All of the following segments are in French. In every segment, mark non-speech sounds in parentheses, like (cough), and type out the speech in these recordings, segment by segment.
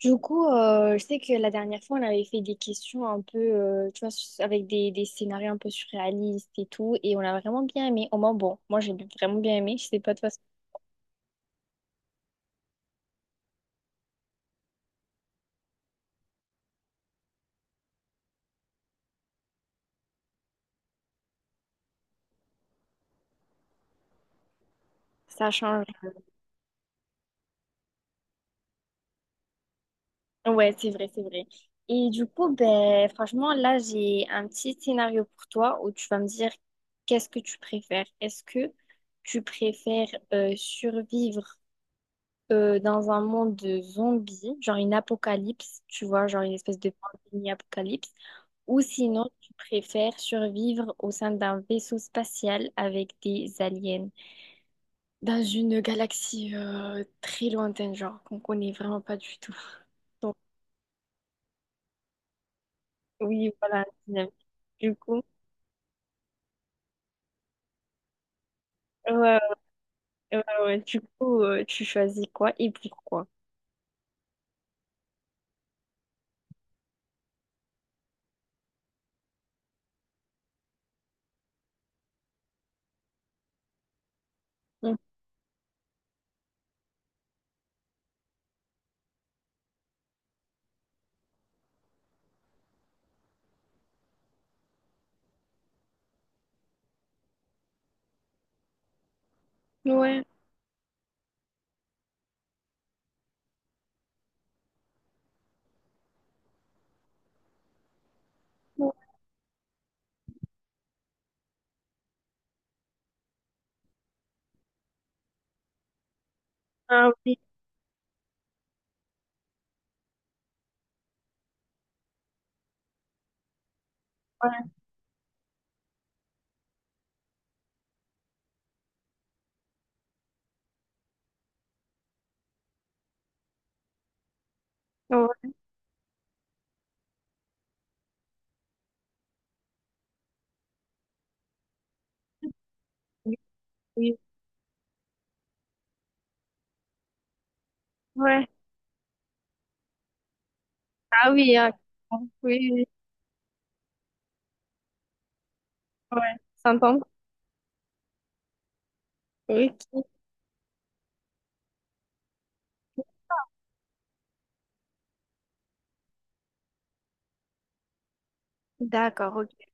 Du coup, je sais que la dernière fois, on avait fait des questions un peu, tu vois, avec des scénarios un peu surréalistes et tout, et on a vraiment bien aimé. Au moins, bon, moi, j'ai vraiment bien aimé. Je sais pas, toi, ça change. Ouais, c'est vrai, c'est vrai. Et du coup, ben, franchement, là, j'ai un petit scénario pour toi où tu vas me dire qu'est-ce que tu préfères. Est-ce que tu préfères survivre dans un monde de zombies, genre une apocalypse, tu vois, genre une espèce de pandémie apocalypse, ou sinon tu préfères survivre au sein d'un vaisseau spatial avec des aliens dans une galaxie très lointaine, genre qu'on connaît vraiment pas du tout. (laughs) Donc oui, voilà, dynamique. Du coup, ouais, ouais, ouais, ouais. Du coup, tu choisis quoi et pourquoi? Mm. Ouais. Ouais. Ah oui, ouais, oui, oui. Ouais. Ah oui, ah, oui. Oui, ouais. S'entendre? Ok, d'accord, ok.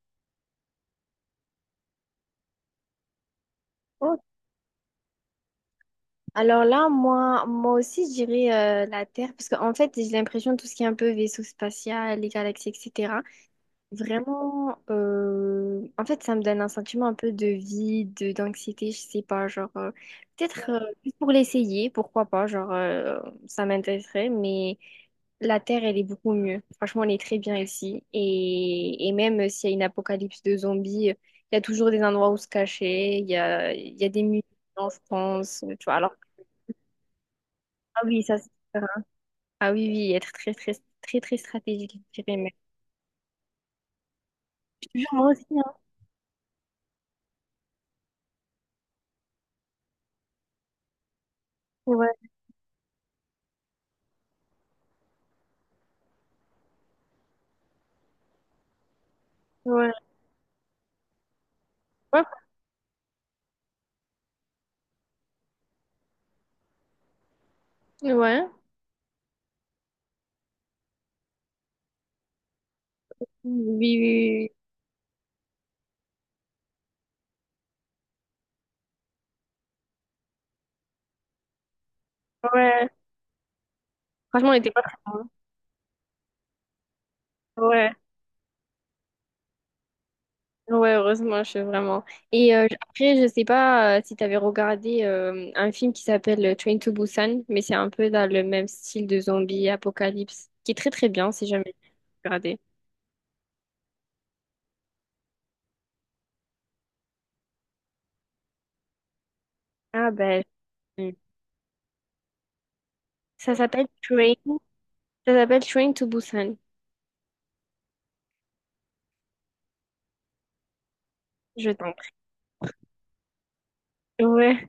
Oh, alors là, moi, moi aussi, je dirais la Terre, parce qu'en fait, j'ai l'impression tout ce qui est un peu vaisseau spatial, les galaxies, etc. Vraiment, en fait, ça me donne un sentiment un peu de vide, d'anxiété, je sais pas, genre, peut-être juste pour l'essayer, pourquoi pas, genre, ça m'intéresserait, mais la Terre, elle est beaucoup mieux. Franchement, elle est très bien ici. Et même s'il y a une apocalypse de zombies, il y a toujours des endroits où se cacher, il y a des musées en France, tu vois. Alors, ah oui, ça, c'est différent. Ah oui, oui, être très, très, très, très stratégique, je dirais, mais. Moi aussi, hein. Ouais, ouais. Ouais, ouais. Oui, oui, oui. Ouais. Franchement, on n'était pas très loin. Ouais. Ouais, heureusement, je vraiment. Et après, je sais pas si tu avais regardé un film qui s'appelle Train to Busan, mais c'est un peu dans le même style de zombie apocalypse, qui est très très bien si jamais tu veux regarder. Ah ben, hmm. Ça s'appelle Train, ça s'appelle Train to Busan. Je t'en prie. Ouais.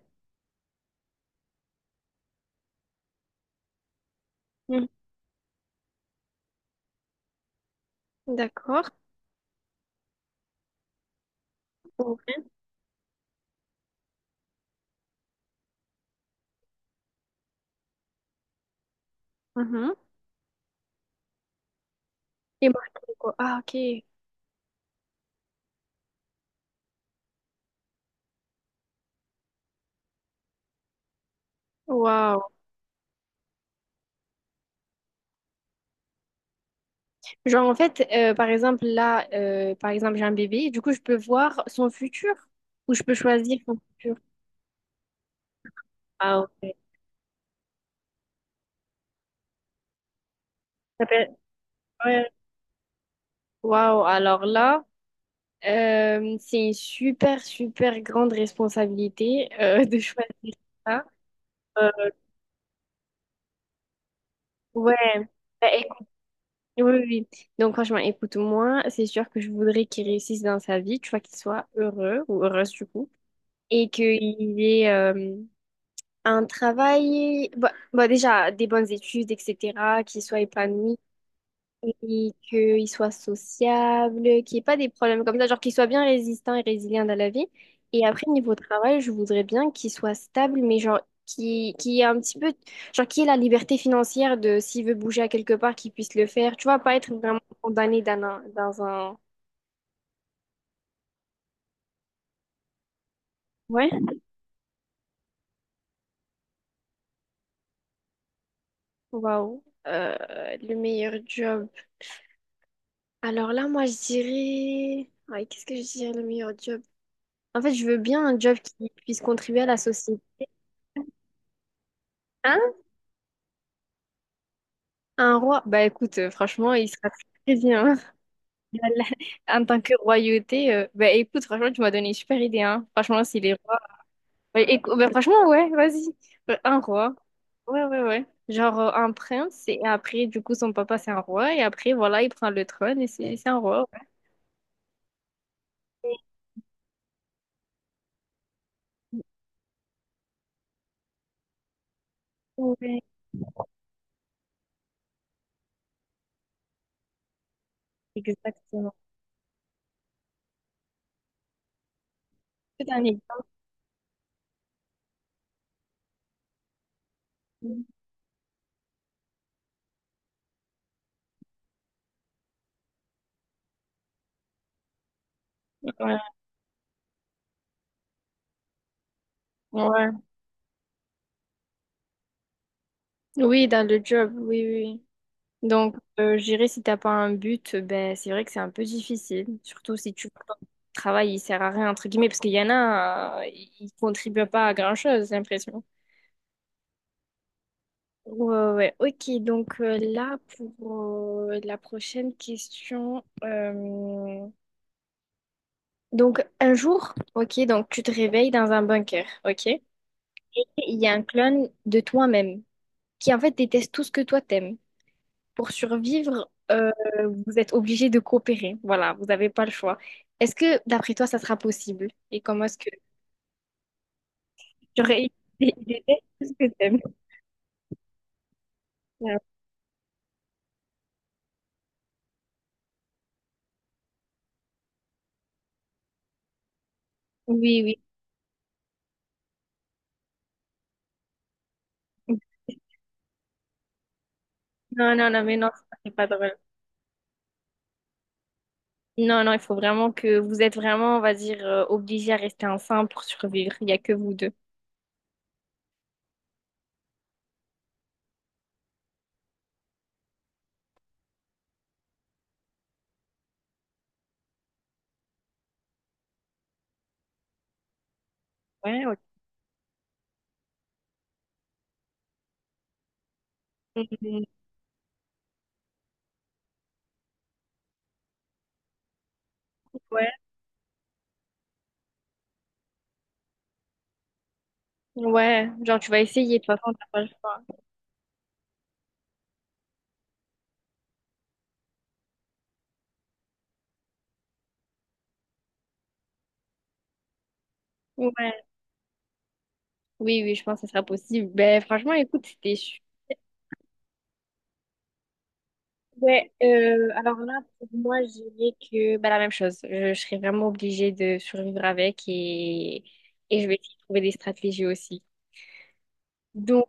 Hmm. D'accord. Ouais. Mhm. Et moi, je trouve quoi. Ah, ok. Waouh. Genre, en fait, par exemple, là, par exemple, j'ai un bébé, du coup, je peux voir son futur ou je peux choisir son futur. Ah, ok. Ça peut- ouais. Waouh, alors là, c'est une super, super grande responsabilité (laughs) de choisir ça. Euh, ouais. Bah, écoute- oui, oui, oui. Donc, franchement, écoute-moi, c'est sûr que je voudrais qu'il réussisse dans sa vie, tu vois, qu'il soit heureux ou heureuse, du coup, et qu'il ait. Un travail, bah, bah, déjà des bonnes études, etc., qu'il soit épanoui, et qu'il soit sociable, qu'il n'y ait pas des problèmes comme ça, genre qu'il soit bien résistant et résilient dans la vie. Et après, niveau travail, je voudrais bien qu'il soit stable, mais genre qui ait un petit peu, genre qui ait la liberté financière de s'il veut bouger à quelque part, qu'il puisse le faire. Tu vois, pas être vraiment condamné dans un... Ouais. Waouh. Le meilleur job. Alors là, moi, je dirais... Ouais, qu'est-ce que je dirais le meilleur job? En fait, je veux bien un job qui puisse contribuer à la société. Hein? Un roi? Bah écoute, franchement, il sera très bien. (laughs) Voilà. En tant que royauté, bah écoute, franchement, tu m'as donné une super idée, hein. Franchement, si les rois... Bah, écou- bah, franchement, ouais, vas-y. Un roi. Ouais, ouais, ouais. Genre un prince, et après, du coup, son papa, c'est un roi, et après, voilà, il prend le trône, et c'est un roi. Ouais, Ouais, exactement. C'est un exemple. Ouais, ouais. Oui, dans le job, oui, oui. Oui. Donc, je dirais, si t'as pas un but, ben, c'est vrai que c'est un peu difficile. Surtout si tu vois que ton travail, il sert à rien, entre guillemets, parce qu'il y en a, ils contribuent pas à grand-chose, j'ai l'impression. Ouais, ouais, ok. Donc là, pour la prochaine question. Donc, un jour, ok, donc tu te réveilles dans un bunker, ok? Il y a un clone de toi-même qui, en fait, déteste tout ce que toi t'aimes. Pour survivre, vous êtes obligé de coopérer. Voilà, vous n'avez pas le choix. Est-ce que, d'après toi, ça sera possible? Et comment est-ce que j'aurais idée de ce que t'aimes? Ah, oui, oui. Non, non, non, mais non, ça, c'est pas drôle. Non, non, il faut vraiment que vous êtes vraiment, on va dire, obligé à rester ensemble pour survivre. Il n'y a que vous deux. Ouais, ok. Mhm. Ouais, ouais, genre tu vas essayer, de toute façon, t'as pas le choix. Ouais. Oui, oui, je pense que ça sera possible. Ben, franchement, écoute, c'était ouais, alors là, pour moi, je dirais que bah, la même chose. Je serais vraiment obligée de survivre avec et je vais essayer de trouver des stratégies aussi. Donc,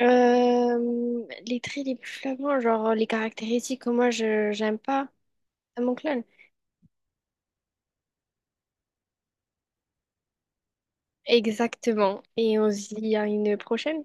les traits les plus flagrants, genre les caractéristiques que moi, je j'aime pas à mon clone. Exactement. Et on se dit à une prochaine.